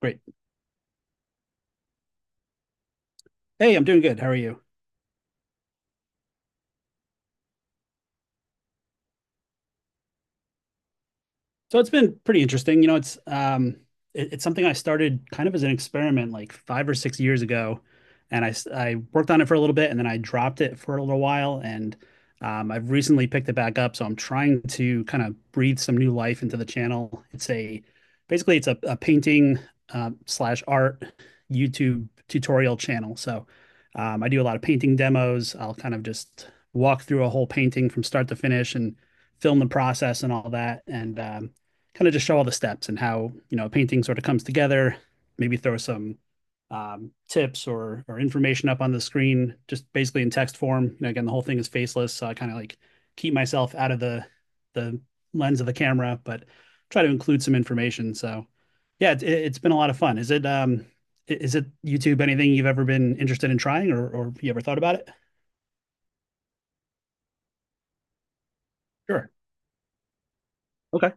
Great. Hey, I'm doing good. How are you? So it's been pretty interesting. It's something I started kind of as an experiment like 5 or 6 years ago, and I worked on it for a little bit, and then I dropped it for a little while, and I've recently picked it back up. So I'm trying to kind of breathe some new life into the channel. It's a basically it's a painting slash art YouTube tutorial channel. So I do a lot of painting demos. I'll kind of just walk through a whole painting from start to finish and film the process and all that. And kind of just show all the steps and how you know a painting sort of comes together. Maybe throw some tips or information up on the screen, just basically in text form. You know, again, the whole thing is faceless, so I kind of like keep myself out of the lens of the camera, but try to include some information. So, yeah, it's been a lot of fun. Is it, is it YouTube anything you've ever been interested in trying or you ever thought about it? Sure. Okay.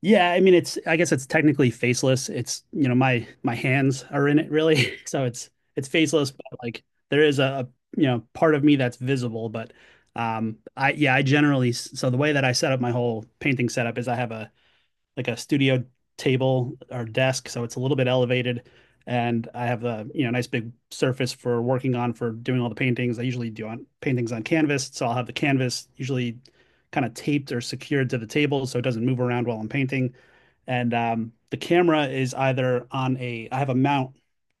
Yeah, I mean it's I guess it's technically faceless. It's, you know, my hands are in it really. So it's faceless, but like there is you know, part of me that's visible, but I yeah, I generally so the way that I set up my whole painting setup is I have a like a studio table or desk, so it's a little bit elevated. And I have a you know nice big surface for working on for doing all the paintings. I usually do on paintings on canvas, so I'll have the canvas usually kind of taped or secured to the table so it doesn't move around while I'm painting. And the camera is either on a I have a mount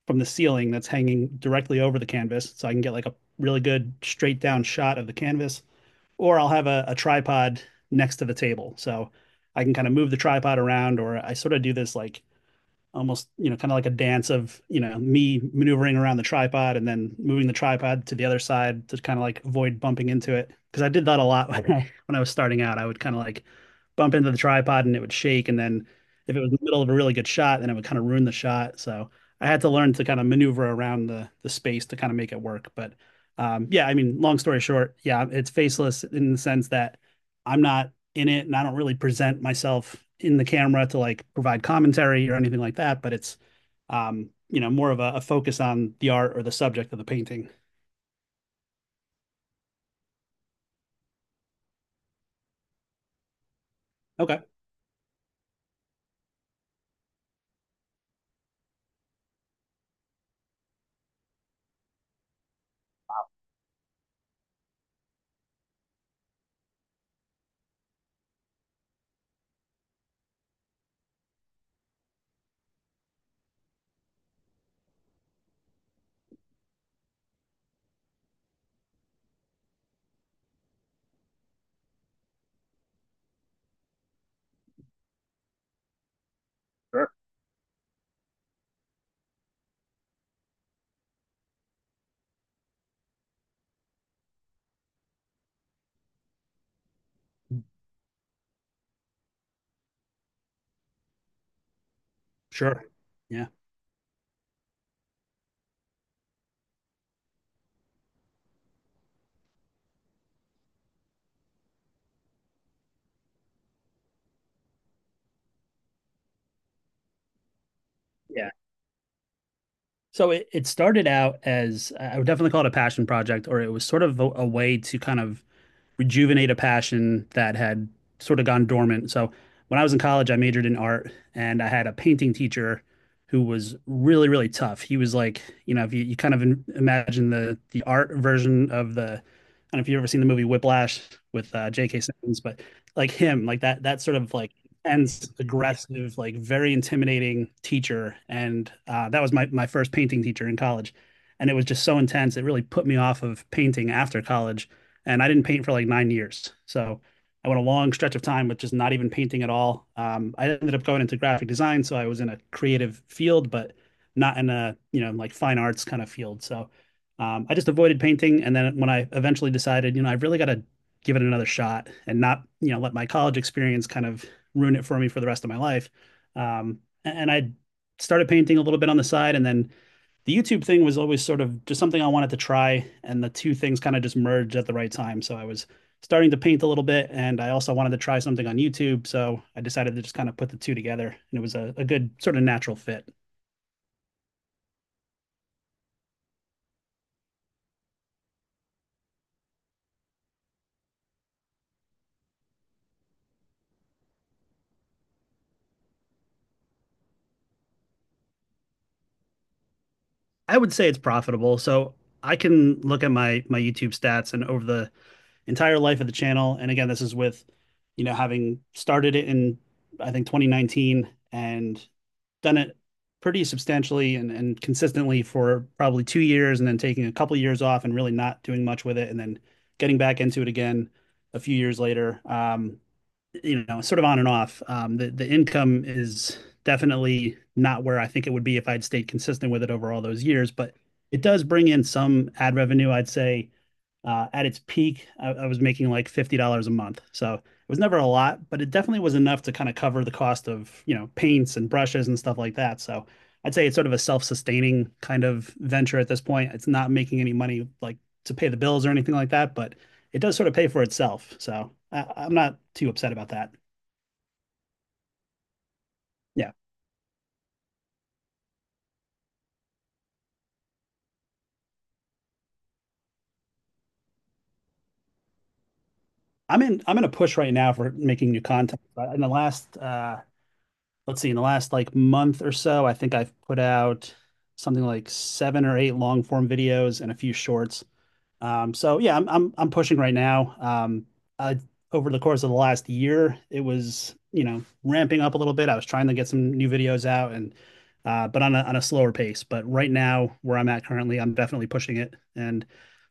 from the ceiling that's hanging directly over the canvas, so I can get like a really good straight down shot of the canvas or I'll have a tripod next to the table. So I can kind of move the tripod around, or I sort of do this like almost you know kind of like a dance of you know me maneuvering around the tripod and then moving the tripod to the other side to kind of like avoid bumping into it because I did that a lot when I was starting out I would kind of like bump into the tripod and it would shake and then if it was in the middle of a really good shot then it would kind of ruin the shot so I had to learn to kind of maneuver around the space to kind of make it work but yeah I mean long story short yeah it's faceless in the sense that I'm not in it and I don't really present myself in the camera to like provide commentary or anything like that, but it's you know, more of a focus on the art or the subject of the painting. Okay. Sure. Yeah. Yeah. So it started out as I would definitely call it a passion project, or it was sort of a way to kind of rejuvenate a passion that had sort of gone dormant. So when I was in college, I majored in art and I had a painting teacher who was really, really tough. He was like, you know, if you, you kind of imagine the art version of the, I don't know if you've ever seen the movie Whiplash with J.K. Simmons, but like him, like that sort of like intense, aggressive, like very intimidating teacher. And that was my first painting teacher in college. And it was just so intense. It really put me off of painting after college and I didn't paint for like 9 years. So I went a long stretch of time with just not even painting at all. I ended up going into graphic design, so I was in a creative field, but not in a you know like fine arts kind of field. So I just avoided painting, and then when I eventually decided, you know, I've really got to give it another shot and not you know let my college experience kind of ruin it for me for the rest of my life. Um, and I started painting a little bit on the side, and then the YouTube thing was always sort of just something I wanted to try, and the two things kind of just merged at the right time. So I was starting to paint a little bit, and I also wanted to try something on YouTube. So I decided to just kind of put the two together, and it was a good sort of natural fit. I would say it's profitable. So I can look at my YouTube stats and over the entire life of the channel. And again, this is with, you know, having started it in, I think, 2019 and done it pretty substantially and consistently for probably 2 years and then taking a couple of years off and really not doing much with it and then getting back into it again a few years later. You know, sort of on and off. The the income is definitely not where I think it would be if I'd stayed consistent with it over all those years, but it does bring in some ad revenue, I'd say at its peak, I was making like $50 a month. So it was never a lot, but it definitely was enough to kind of cover the cost of, you know, paints and brushes and stuff like that. So I'd say it's sort of a self-sustaining kind of venture at this point. It's not making any money like to pay the bills or anything like that, but it does sort of pay for itself. So I'm not too upset about that. Yeah. I'm in a push right now for making new content. In the last let's see, in the last like month or so, I think I've put out something like 7 or 8 long form videos and a few shorts. So yeah, I'm pushing right now. I, Over the course of the last year, it was, you know, ramping up a little bit. I was trying to get some new videos out and but on a slower pace. But right now, where I'm at currently, I'm definitely pushing it and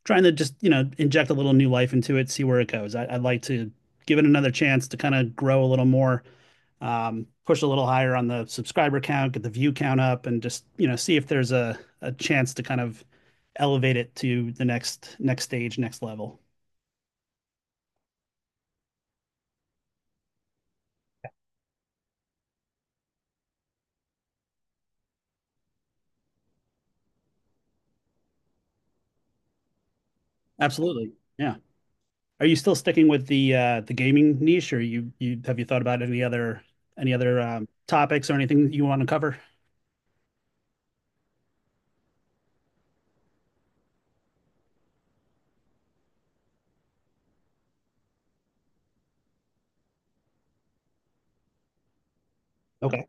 trying to just, you know, inject a little new life into it, see where it goes. I'd like to give it another chance to kind of grow a little more push a little higher on the subscriber count, get the view count up, and just, you know, see if there's a chance to kind of elevate it to the next next stage, next level. Absolutely. Yeah. Are you still sticking with the gaming niche, or you have you thought about any other topics or anything you want to cover? Okay.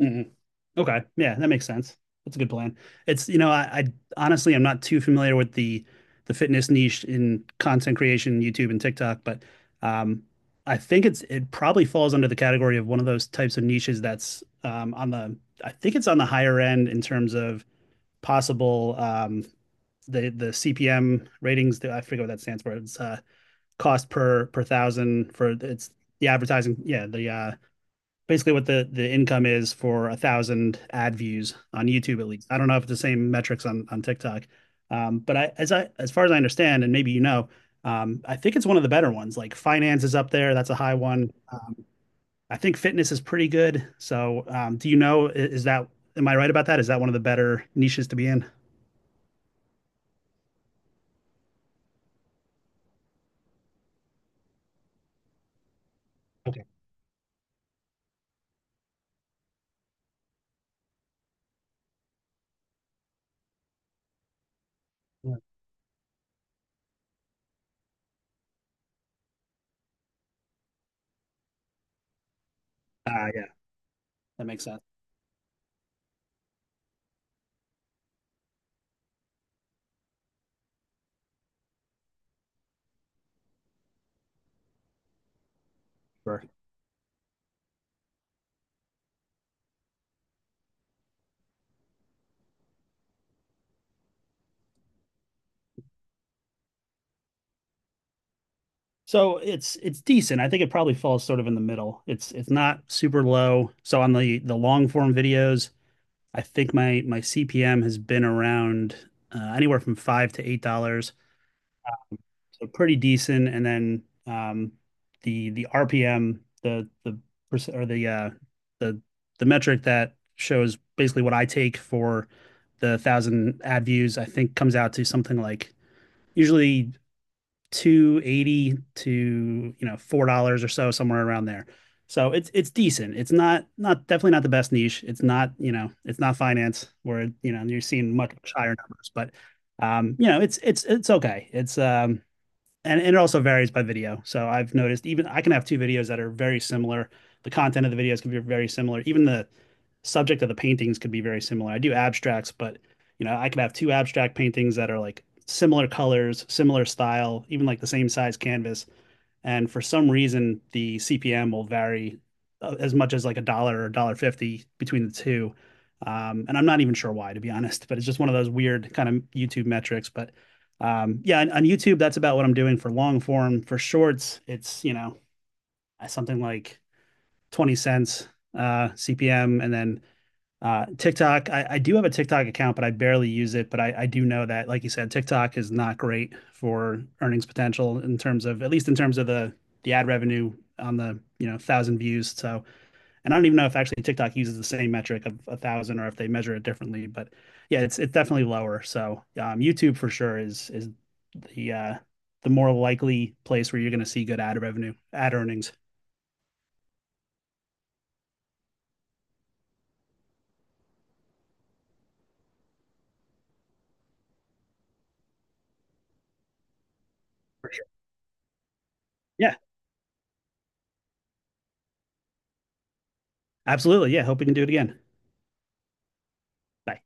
Mm-hmm. Okay. Yeah, that makes sense. That's a good plan. It's, you know, I honestly I'm not too familiar with the fitness niche in content creation, YouTube and TikTok, but um I think it's it probably falls under the category of one of those types of niches that's on the I think it's on the higher end in terms of possible the CPM ratings I forget what that stands for. It's cost per per thousand for it's the advertising, yeah, the basically what the income is for 1,000 ad views on YouTube at least. I don't know if it's the same metrics on TikTok, but I as far as I understand, and maybe you know, I think it's one of the better ones. Like finance is up there. That's a high one. I think fitness is pretty good. So, do you know, is that, am I right about that? Is that one of the better niches to be in? Okay. Yeah. Ah, yeah, that makes sense. Sure. So it's decent. I think it probably falls sort of in the middle. It's not super low. So on the long form videos, I think my CPM has been around anywhere from $5 to $8. So pretty decent. And then the RPM, the or the the the metric that shows basically what I take for the thousand ad views, I think comes out to something like usually 280 to, you know, $4 or so, somewhere around there. So it's decent. It's not not definitely not the best niche. It's not, you know, it's not finance where, you know, you're seeing much, much higher numbers, but you know, it's it's okay. It's. And it also varies by video. So I've noticed even I can have two videos that are very similar. The content of the videos can be very similar. Even the subject of the paintings could be very similar. I do abstracts, but you know, I could have two abstract paintings that are like similar colors, similar style, even like the same size canvas, and for some reason the CPM will vary as much as like a dollar or a dollar fifty between the two. And I'm not even sure why, to be honest, but it's just one of those weird kind of YouTube metrics. But yeah, on YouTube, that's about what I'm doing for long form. For shorts, it's, you know, something like 20 cents CPM. And then TikTok, I do have a TikTok account, but I barely use it. But I do know that, like you said, TikTok is not great for earnings potential in terms of, at least in terms of the ad revenue on the, you know, thousand views. So, and I don't even know if actually TikTok uses the same metric of a thousand or if they measure it differently. But yeah, it's definitely lower. So, YouTube for sure is the uh, the more likely place where you're going to see good ad revenue, ad earnings. Yeah, absolutely. Yeah, hope we can do it again. Bye.